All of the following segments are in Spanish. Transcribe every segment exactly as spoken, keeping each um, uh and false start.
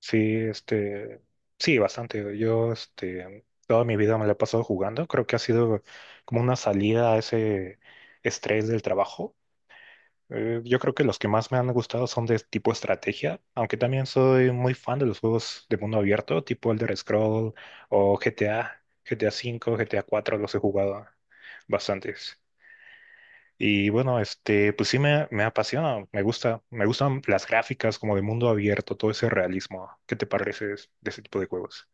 Sí, este, sí, bastante. Yo, este, toda mi vida me la he pasado jugando. Creo que ha sido como una salida a ese estrés del trabajo. Eh, yo creo que los que más me han gustado son de tipo estrategia, aunque también soy muy fan de los juegos de mundo abierto, tipo Elder Scroll o G T A, G T A V, G T A cuatro, los he jugado bastantes. Y bueno, este, pues sí me, me apasiona, me gusta, me gustan las gráficas como de mundo abierto, todo ese realismo. ¿Qué te parece de ese tipo de juegos?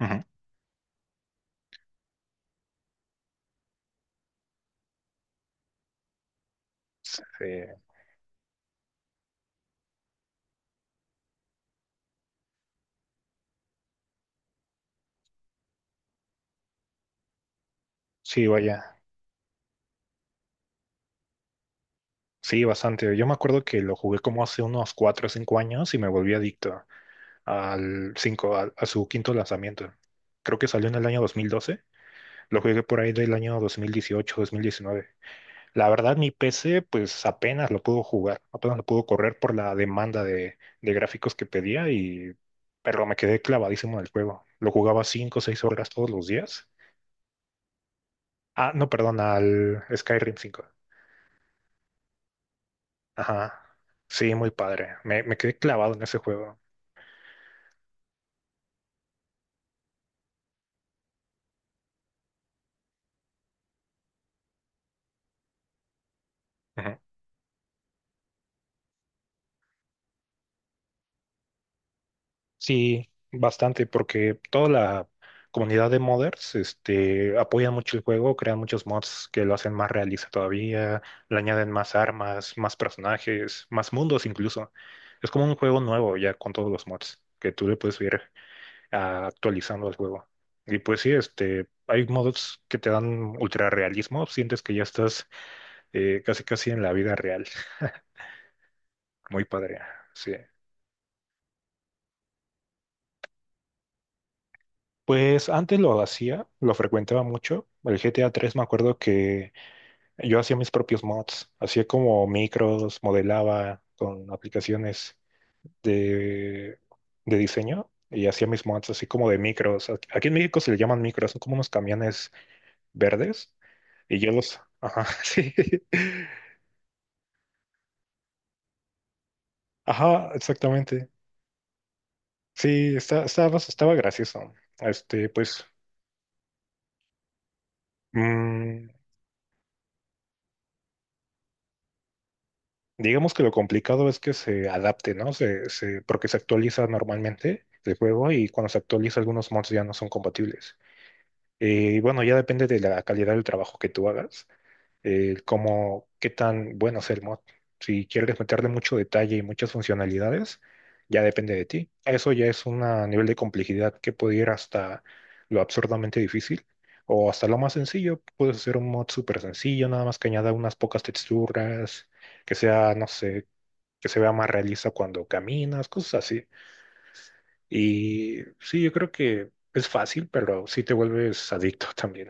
Ujú. Sí, sí, vaya, sí, bastante. Yo me acuerdo que lo jugué como hace unos cuatro o cinco años y me volví adicto al cinco a, a su quinto lanzamiento. Creo que salió en el año dos mil doce, lo jugué por ahí del año dos dos mil dieciocho, dos mil diecinueve. La verdad, mi P C, pues apenas lo pudo jugar, apenas lo pudo correr por la demanda de, de gráficos que pedía y, pero me quedé clavadísimo en el juego. Lo jugaba cinco o seis horas todos los días. Ah, no, perdón, al Skyrim cinco. Ajá. Sí, muy padre. Me, me quedé clavado en ese juego. Sí, bastante, porque toda la comunidad de modders, este, apoyan mucho el juego, crean muchos mods que lo hacen más realista todavía, le añaden más armas, más personajes, más mundos incluso. Es como un juego nuevo ya con todos los mods que tú le puedes ir ah, actualizando al juego. Y pues sí, este, hay mods que te dan ultra realismo, sientes que ya estás eh, casi casi en la vida real. Muy padre, sí. Pues antes lo hacía, lo frecuentaba mucho. El G T A tres, me acuerdo que yo hacía mis propios mods, hacía como micros, modelaba con aplicaciones de, de diseño y hacía mis mods así como de micros. Aquí aquí en México se le llaman micros, son como unos camiones verdes y yo los... Ajá, sí. Ajá, exactamente. Sí, está, estaba, estaba gracioso. Este, pues... mm, Digamos que lo complicado es que se adapte, ¿no? Se, se- porque se actualiza normalmente el juego y cuando se actualiza algunos mods ya no son compatibles. Eh, Y bueno, ya depende de la calidad del trabajo que tú hagas, eh, como qué tan bueno es el mod. Si quieres meterle mucho detalle y muchas funcionalidades, ya depende de ti. Eso ya es un nivel de complejidad que puede ir hasta lo absurdamente difícil o hasta lo más sencillo. Puedes hacer un mod súper sencillo, nada más que añada unas pocas texturas, que sea, no sé, que se vea más realista cuando caminas, cosas así. Y sí, yo creo que es fácil, pero sí te vuelves adicto también.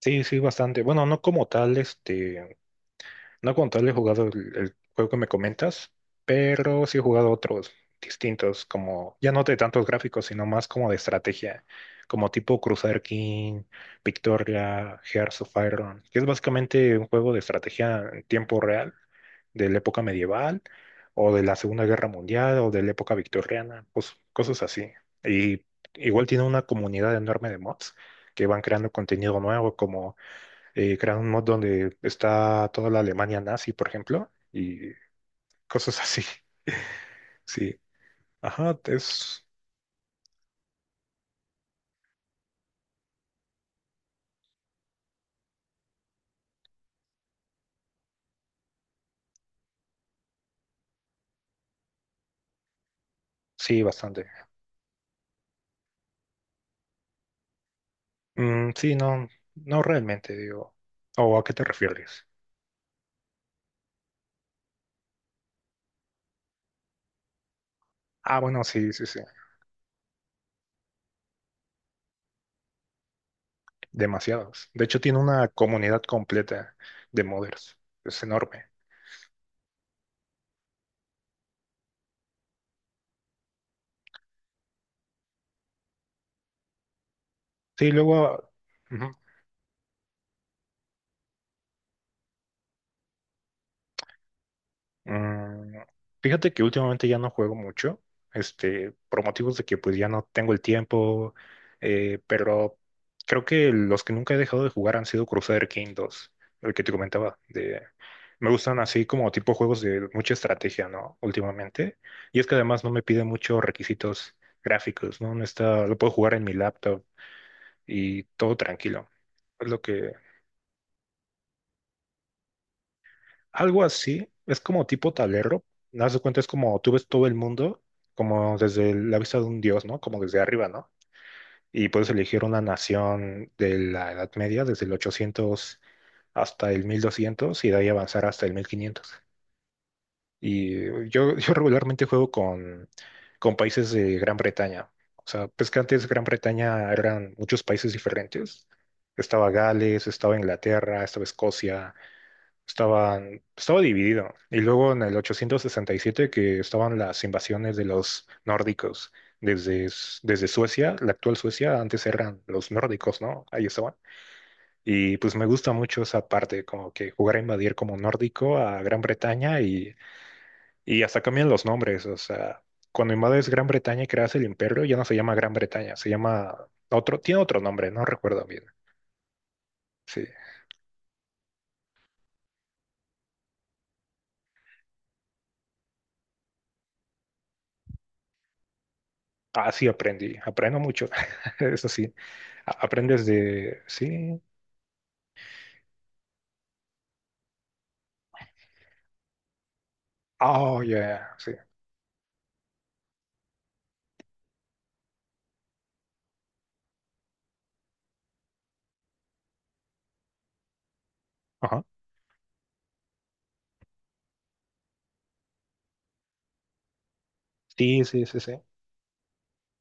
Sí, sí, bastante. Bueno, no como tal, este, no como tal he jugado el, el juego que me comentas, pero sí he jugado otros distintos, como ya no de tantos gráficos, sino más como de estrategia, como tipo Crusader King, Victoria, Hearts of Iron, que es básicamente un juego de estrategia en tiempo real de la época medieval o de la Segunda Guerra Mundial o de la época victoriana, pues cosas así. Y igual tiene una comunidad enorme de mods que van creando contenido nuevo, como eh, crean un mod donde está toda la Alemania nazi, por ejemplo, y cosas así. Sí, ajá, es, sí, bastante. Mm, sí, no, no realmente, digo. ¿O a qué te refieres? Ah, bueno, sí, sí, sí. Demasiados. De hecho, tiene una comunidad completa de modders. Es enorme. Sí, luego, ujú. Mm, Fíjate que últimamente ya no juego mucho, este, por motivos de que pues ya no tengo el tiempo, eh, pero creo que los que nunca he dejado de jugar han sido Crusader King dos, el que te comentaba, de, me gustan así como tipo juegos de mucha estrategia, ¿no? Últimamente, y es que además no me pide muchos requisitos gráficos, ¿no? No está, lo puedo jugar en mi laptop y todo tranquilo. Es lo que... Algo así, es como tipo tablero, haz de cuenta, es como tú ves todo el mundo, como desde el- la vista de un dios, ¿no? Como desde arriba, ¿no? Y puedes elegir una nación de la Edad Media, desde el ochocientos hasta el mil doscientos y de ahí avanzar hasta el mil quinientos. Y yo, yo regularmente juego con, con países de Gran Bretaña. O sea, pues que antes Gran Bretaña eran muchos países diferentes. Estaba Gales, estaba Inglaterra, estaba Escocia. Estaban, estaba dividido. Y luego en el ochocientos sesenta y siete que estaban las invasiones de los nórdicos desde, S- desde Suecia, la actual Suecia, antes eran los nórdicos, ¿no? Ahí estaban. Y pues me gusta mucho esa parte, como que jugar a invadir como nórdico a Gran Bretaña y, y hasta cambian los nombres. O sea, cuando invades Gran Bretaña y creas el imperio, ya no se llama Gran Bretaña, se llama otro, tiene otro nombre, no recuerdo bien. Sí, así aprendí, aprendo mucho, eso sí. A- Aprendes de... Sí. Oh, yeah. Sí. Ajá. Sí, sí, sí, sí.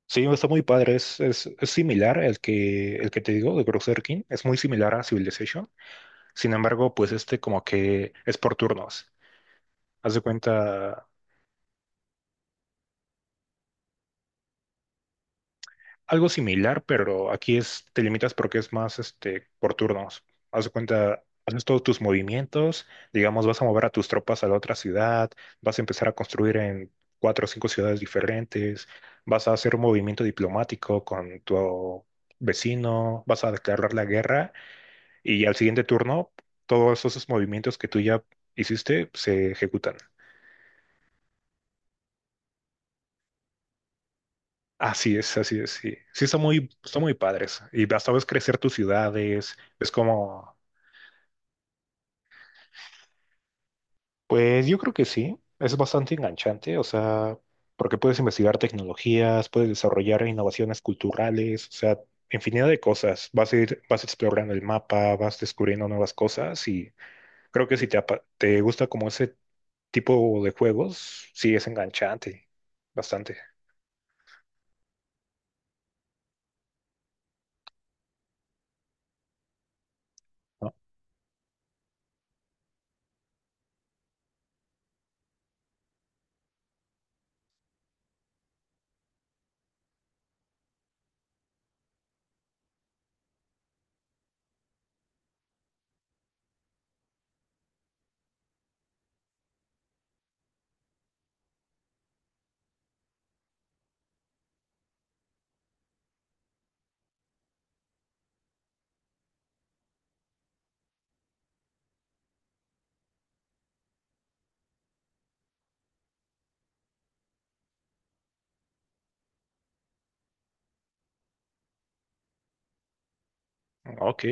Sí, está muy padre. Es, es, es similar al que, el que te digo de Crusader King. Es muy similar a Civilization. Sin embargo, pues este como que es por turnos. Haz de cuenta, algo similar, pero aquí es, te limitas porque es más este, por turnos. Haz de cuenta, haces todos tus movimientos, digamos, vas a mover a tus tropas a la otra ciudad, vas a empezar a construir en cuatro o cinco ciudades diferentes, vas a hacer un movimiento diplomático con tu vecino, vas a declarar la guerra y al siguiente turno todos esos movimientos que tú ya hiciste se ejecutan. Así es, así es, sí. Sí, están muy, están muy padres. Y hasta ves crecer tus ciudades, es como... Pues yo creo que sí, es bastante enganchante, o sea, porque puedes investigar tecnologías, puedes desarrollar innovaciones culturales, o sea, infinidad de cosas. Vas a ir, vas explorando el mapa, vas descubriendo nuevas cosas y creo que si te, apa- te gusta como ese tipo de juegos, sí es enganchante, bastante, ¿no? Ok,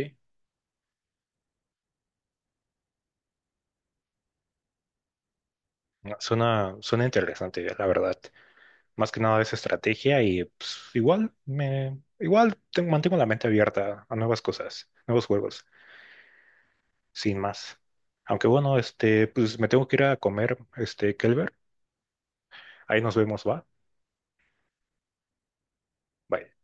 suena, suena interesante, la verdad. Más que nada es estrategia y pues, igual me, igual te- mantengo la mente abierta a nuevas cosas, nuevos juegos. Sin más. Aunque bueno, este, pues me tengo que ir a comer, este, Kelber. Ahí nos vemos, va. Bye.